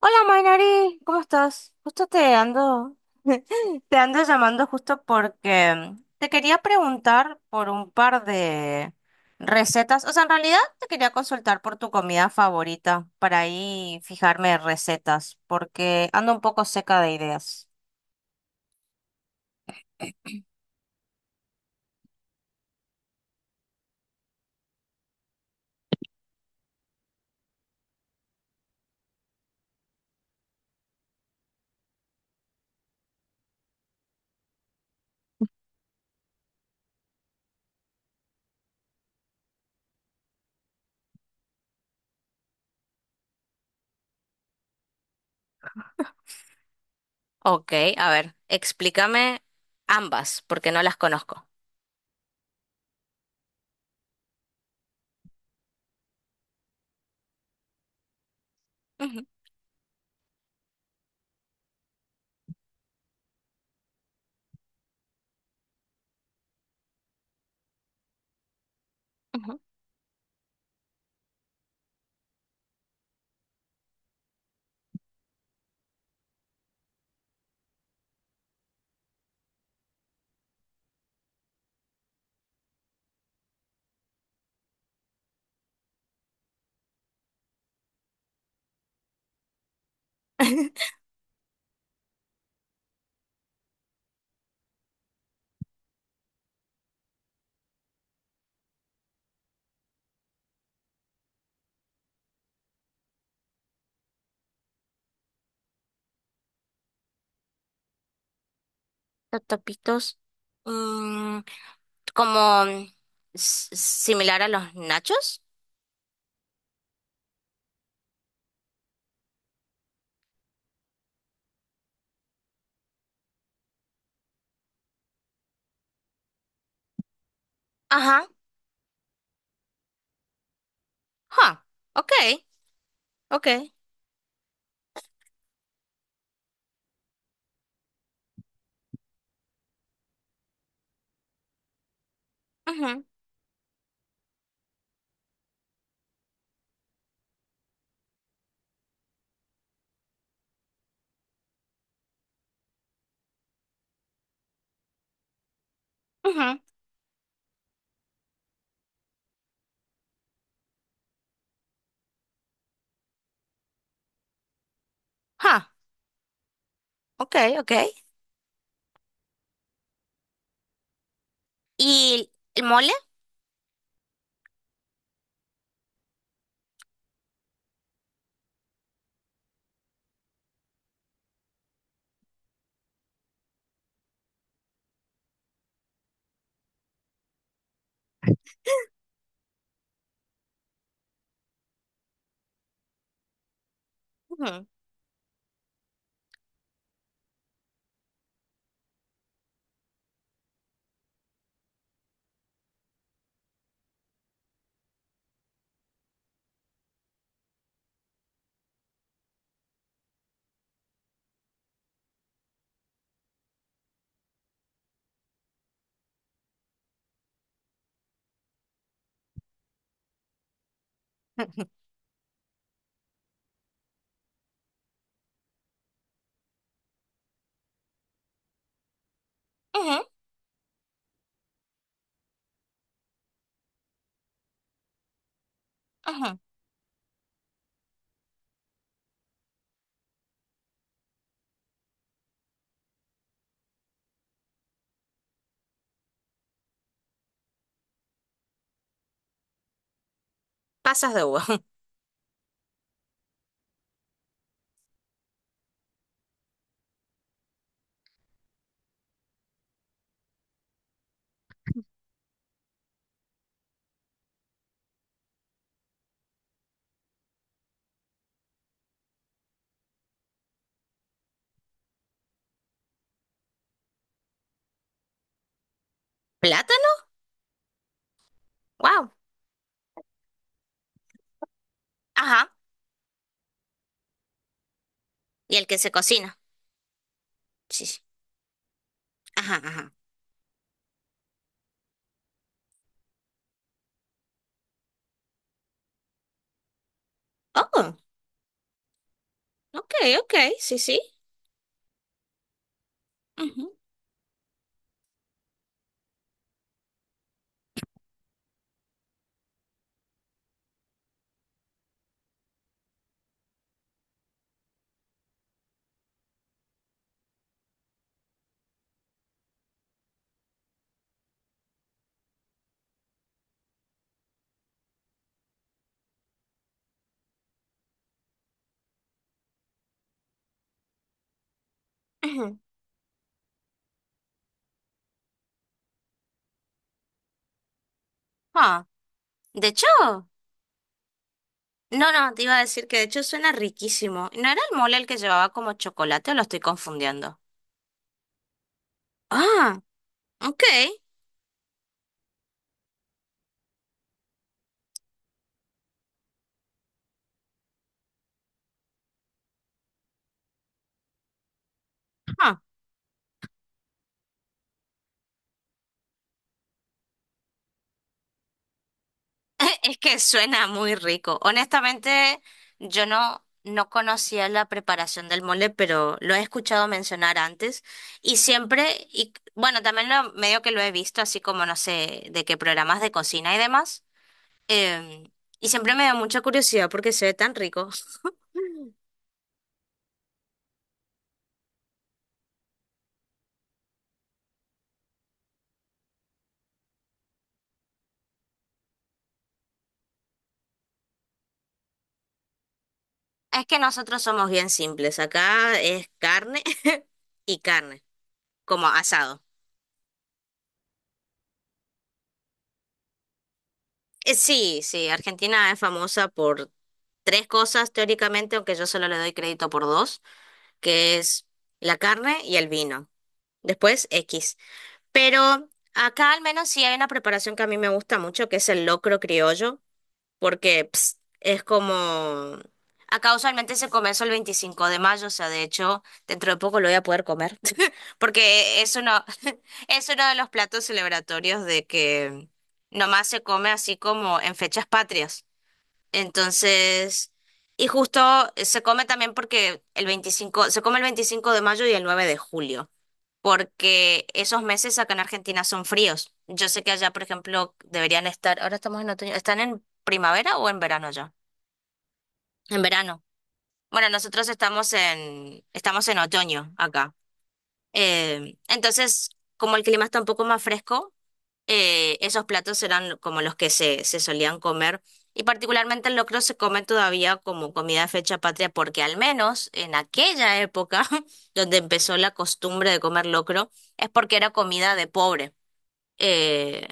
Hola Mainari, ¿cómo estás? Justo te ando llamando justo porque te quería preguntar por un par de recetas. O sea, en realidad te quería consultar por tu comida favorita para ahí fijarme recetas, porque ando un poco seca de ideas. Ok, a ver, explícame ambas, porque no las conozco. Ujú, ujú. Los tapitos, mm, como similar a los nachos. Ajá, huh, okay, okay, ujú, ujú, huh, okay, okay. ¿Y el mole? Ujú, ujú, ujú. Ujú. Pasas de uva. ¿Plátano? Wow. Ajá. Y el que se cocina. Sí, sí. Ajá, ajá. Oh, okay, okay, sí, sí. Ujú, ujú. Ah, de hecho, no, no, te iba a decir que de hecho suena riquísimo. ¿No era el mole el que llevaba como chocolate o lo estoy confundiendo? Ah, okay. Ah, es que suena muy rico. Honestamente, yo no, no conocía la preparación del mole, pero lo he escuchado mencionar antes y siempre, y bueno, también lo, medio que lo he visto, así como no sé, de qué programas de cocina y demás. em, y siempre me da mucha curiosidad porque se ve tan rico. Es que nosotros somos bien simples. Acá es carne y carne, como asado. Sí, sí, Argentina es famosa por tres cosas teóricamente, aunque yo solo le doy crédito por dos. Que es la carne y el vino. Después X. Pero acá al menos sí hay una preparación que a mí me gusta mucho, que es el locro criollo, porque es como... Acá usualmente se come eso el 25 de mayo, o sea, de hecho, dentro de poco lo voy a poder comer, porque es uno de los platos celebratorios de que nomás se come así como en fechas patrias. Entonces, y justo se come también porque el 25 se come el 25 de mayo y el 9 de julio, porque esos meses acá en Argentina son fríos. Yo sé que allá, por ejemplo, deberían estar, ahora estamos en otoño, ¿están en primavera o en verano ya? En verano. Bueno, nosotros estamos en otoño acá. Entonces, como el clima está un poco más fresco, esos platos eran como los que se solían comer. Y particularmente el locro se come todavía como comida de fecha patria porque al menos en aquella época donde empezó la costumbre de comer locro es porque era comida de pobre. Eh,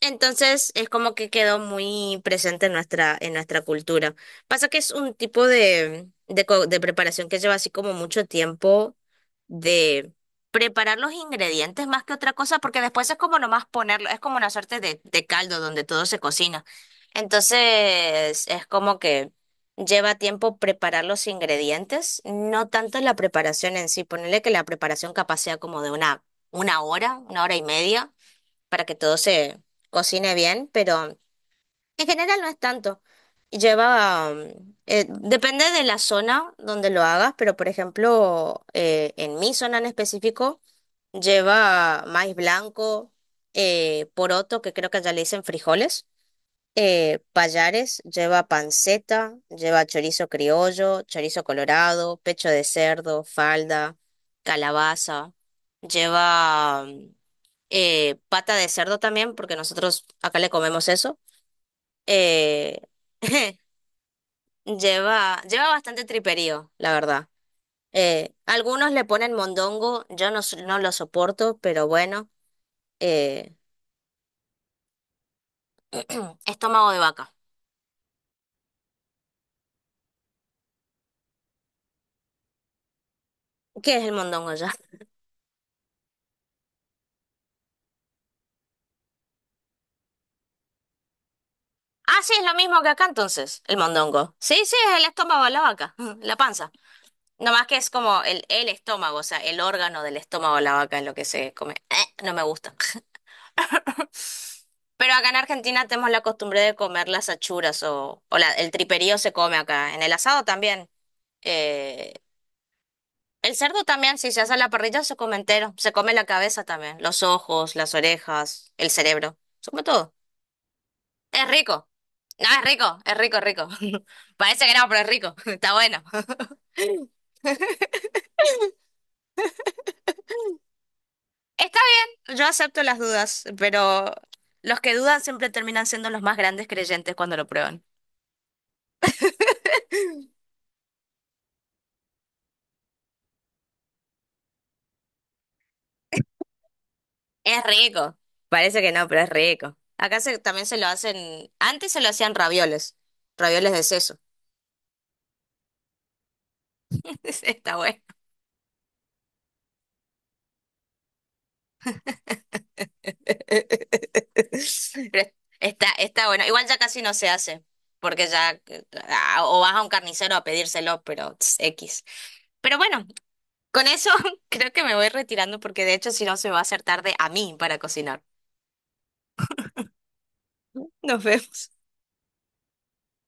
entonces es como que quedó muy presente en nuestra cultura. Pasa que es un tipo de preparación que lleva así como mucho tiempo de preparar los ingredientes más que otra cosa, porque después es como nomás ponerlo, es como una suerte de caldo donde todo se cocina. Entonces es como que lleva tiempo preparar los ingredientes, no tanto la preparación en sí. Ponerle que la preparación capaz sea como de una hora, una hora y media para que todo se cocine bien, pero en general no es tanto. Lleva, depende de la zona donde lo hagas, pero por ejemplo, en mi zona en específico, lleva maíz blanco, poroto, que creo que ya le dicen frijoles, payares, lleva panceta, lleva chorizo criollo, chorizo colorado, pecho de cerdo, falda, calabaza, lleva pata de cerdo también, porque nosotros acá le comemos eso. eh, lleva bastante triperío, la verdad. Algunos le ponen mondongo, yo no, no lo soporto, pero bueno. eh, Estómago de vaca. ¿Qué es el mondongo ya? Ah, sí, es lo mismo que acá entonces, el mondongo. Sí, sí, es el estómago de la vaca, la panza. No más que es como el estómago, o sea, el órgano del estómago de la vaca es lo que se come. No me gusta. Pero acá en Argentina tenemos la costumbre de comer las achuras o el triperío se come acá. En el asado también. Eh, el cerdo también, si se hace a la parrilla, se come entero. Se come la cabeza también, los ojos, las orejas, el cerebro. Se come todo. Es rico. No, es rico, es rico, es rico. Parece que no, pero es rico. Está bueno. Está bien, yo acepto las dudas, pero los que dudan siempre terminan siendo los más grandes creyentes cuando lo prueban. Es rico. Parece que no, pero es rico. Acá también se lo hacen, antes se lo hacían ravioles, ravioles de seso. Está bueno. Pero está bueno. Igual ya casi no se hace, porque ya o vas a un carnicero a pedírselo, pero tss, X. Pero bueno, con eso creo que me voy retirando porque de hecho si no se va a hacer tarde a mí para cocinar. Nos vemos.